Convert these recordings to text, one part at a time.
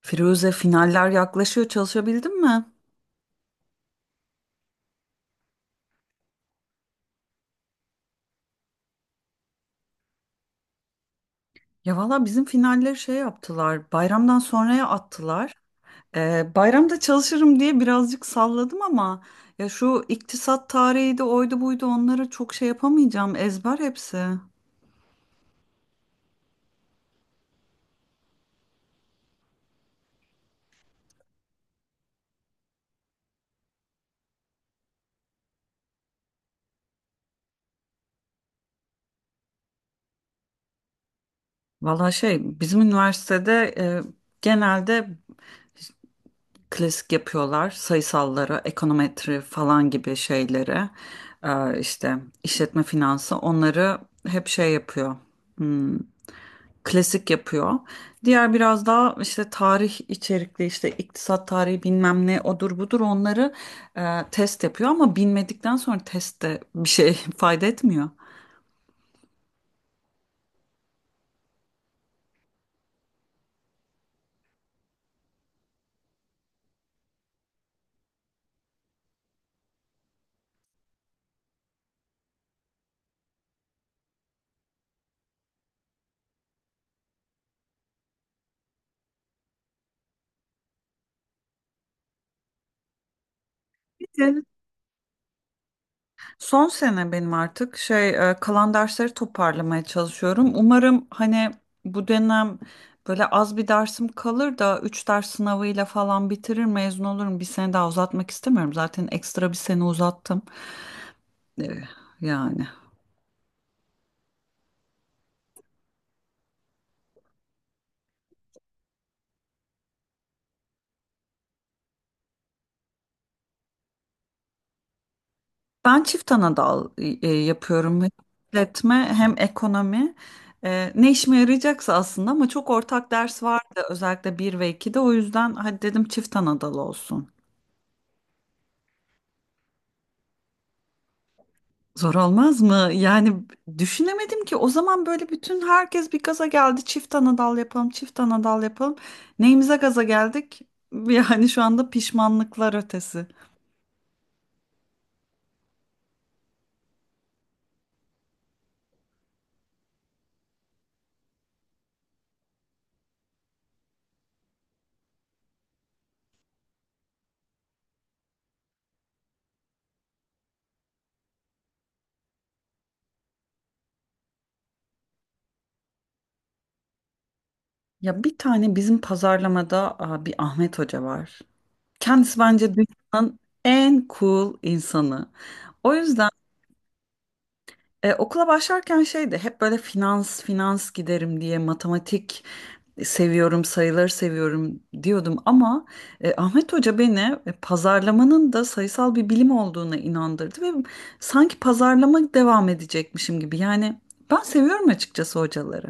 Firuze, finaller yaklaşıyor, çalışabildin mi? Ya valla bizim finalleri şey yaptılar, bayramdan sonraya attılar. Bayramda çalışırım diye birazcık salladım ama ya şu iktisat tarihi de oydu buydu onları çok şey yapamayacağım, ezber hepsi. Valla şey bizim üniversitede genelde klasik yapıyorlar sayısalları, ekonometri falan gibi şeyleri. İşte işletme finansı, onları hep şey yapıyor. Hmm. Klasik yapıyor. Diğer biraz daha işte tarih içerikli, işte iktisat tarihi bilmem ne, odur budur, onları test yapıyor ama bilmedikten sonra test de bir şey fayda etmiyor. Evet. Son sene benim artık şey kalan dersleri toparlamaya çalışıyorum. Umarım hani bu dönem böyle az bir dersim kalır da 3 ders sınavıyla falan bitirir, mezun olurum. Bir sene daha uzatmak istemiyorum. Zaten ekstra bir sene uzattım. E, Yani. Ben çift anadal yapıyorum. Hem işletme hem ekonomi. Ne işime yarayacaksa aslında ama çok ortak ders vardı, özellikle bir ve 2'de, o yüzden hadi dedim çift anadal olsun. Zor olmaz mı? Yani düşünemedim ki o zaman, böyle bütün herkes bir gaza geldi, çift anadal yapalım çift anadal yapalım. Neyimize gaza geldik? Yani şu anda pişmanlıklar ötesi. Ya bir tane bizim pazarlamada bir Ahmet Hoca var. Kendisi bence dünyanın en cool insanı. O yüzden okula başlarken şeydi, hep böyle finans finans giderim diye, matematik seviyorum, sayıları seviyorum diyordum ama Ahmet Hoca beni pazarlamanın da sayısal bir bilim olduğuna inandırdı ve sanki pazarlama devam edecekmişim gibi, yani ben seviyorum açıkçası hocaları.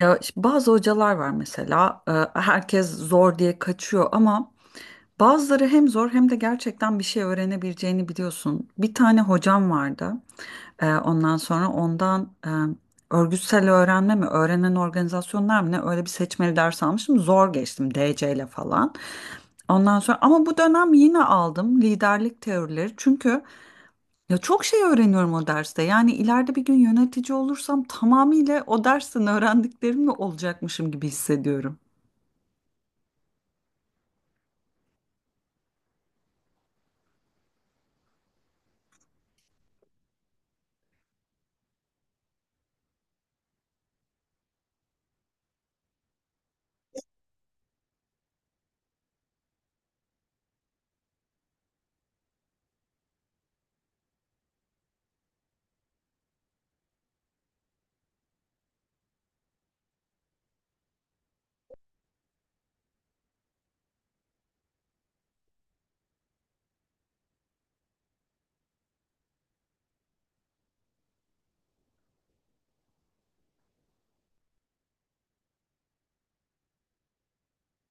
Ya işte bazı hocalar var mesela herkes zor diye kaçıyor ama bazıları hem zor hem de gerçekten bir şey öğrenebileceğini biliyorsun. Bir tane hocam vardı. Ondan sonra, ondan örgütsel öğrenme mi, öğrenen organizasyonlar mı, ne, öyle bir seçmeli ders almıştım. Zor geçtim, DC ile falan. Ondan sonra ama bu dönem yine aldım liderlik teorileri, çünkü ya çok şey öğreniyorum o derste. Yani ileride bir gün yönetici olursam tamamıyla o dersten öğrendiklerimle olacakmışım gibi hissediyorum.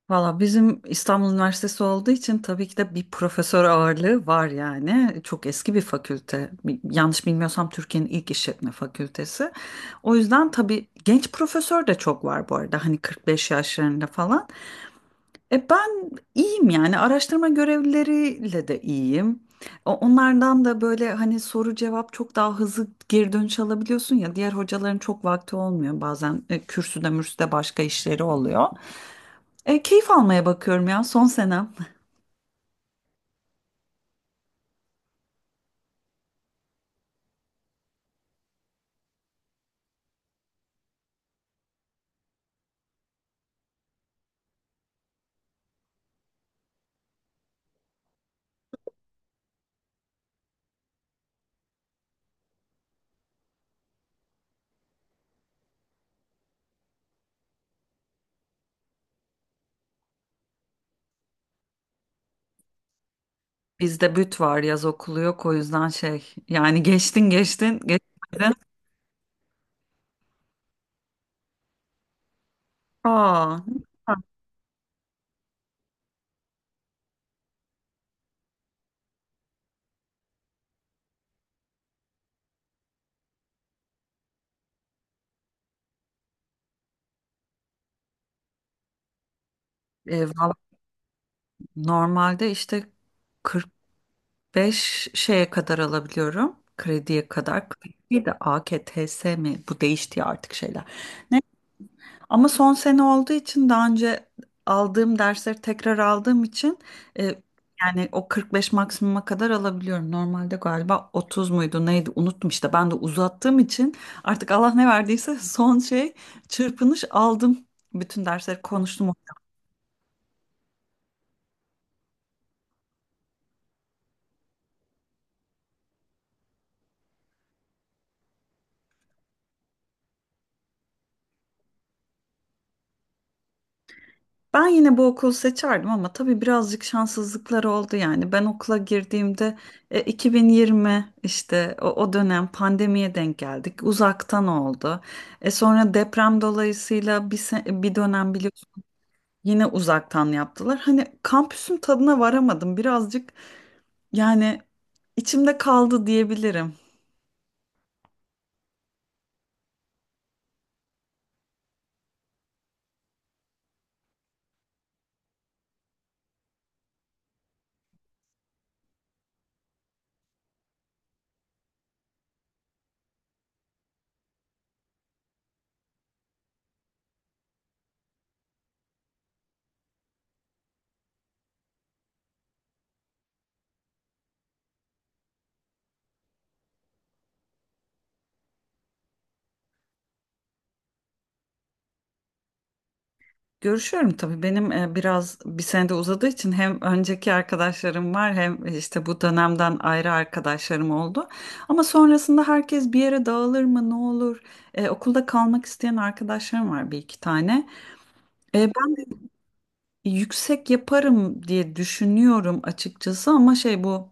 Valla bizim İstanbul Üniversitesi olduğu için tabii ki de bir profesör ağırlığı var yani. Çok eski bir fakülte. Yanlış bilmiyorsam Türkiye'nin ilk işletme fakültesi. O yüzden tabii genç profesör de çok var bu arada. Hani 45 yaşlarında falan. E ben iyiyim yani, araştırma görevlileriyle de iyiyim. Onlardan da böyle hani soru cevap çok daha hızlı geri dönüş alabiliyorsun, ya diğer hocaların çok vakti olmuyor bazen, kürsüde mürsüde başka işleri oluyor. Keyif almaya bakıyorum ya, son senem. Bizde büt var, yaz okulu yok, o yüzden şey, yani geçtin geçtin, geçmedin. Aa, Valla normalde işte 5 şeye kadar alabiliyorum. Krediye kadar. Bir de AKTS mi? Bu değişti ya artık şeyler. Ne? Ama son sene olduğu için, daha önce aldığım dersleri tekrar aldığım için e, yani o 45 maksimuma kadar alabiliyorum. Normalde galiba 30 muydu neydi, unuttum işte. Ben de uzattığım için artık Allah ne verdiyse son şey, çırpınış aldım. Bütün dersleri konuştum. Ben yine bu okulu seçerdim ama tabii birazcık şanssızlıklar oldu yani. Ben okula girdiğimde 2020, işte o dönem pandemiye denk geldik. Uzaktan oldu. Sonra deprem dolayısıyla bir dönem biliyorsun yine uzaktan yaptılar. Hani kampüsün tadına varamadım. Birazcık yani içimde kaldı diyebilirim. Görüşüyorum tabii, benim biraz bir senede uzadığı için hem önceki arkadaşlarım var hem işte bu dönemden ayrı arkadaşlarım oldu. Ama sonrasında herkes bir yere dağılır mı, ne olur? Okulda kalmak isteyen arkadaşlarım var bir iki tane. Ben de yüksek yaparım diye düşünüyorum açıkçası ama şey, bu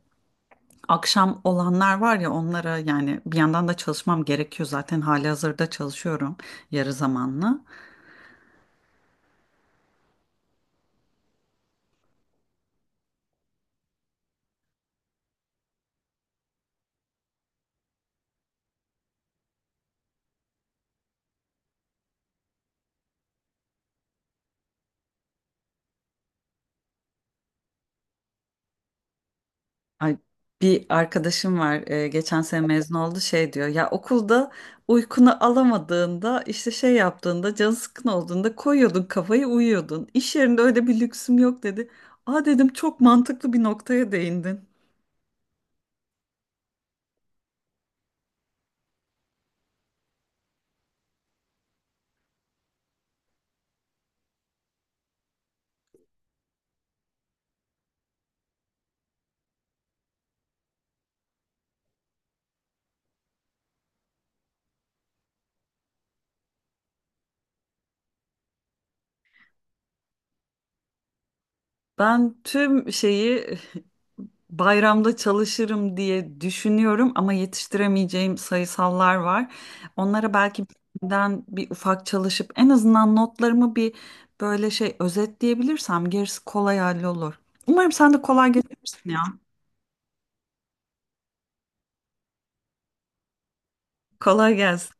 akşam olanlar var ya, onlara yani, bir yandan da çalışmam gerekiyor, zaten halihazırda çalışıyorum yarı zamanlı. Ay, bir arkadaşım var, geçen sene mezun oldu, şey diyor ya, okulda uykunu alamadığında işte, şey yaptığında, canı sıkkın olduğunda koyuyordun kafayı, uyuyordun, iş yerinde öyle bir lüksüm yok dedi. Aa dedim, çok mantıklı bir noktaya değindin. Ben tüm şeyi bayramda çalışırım diye düşünüyorum ama yetiştiremeyeceğim sayısallar var. Onlara belki benden bir ufak çalışıp en azından notlarımı bir böyle şey özetleyebilirsem gerisi kolay hallolur. Umarım sen de kolay geçersin ya. Kolay gelsin.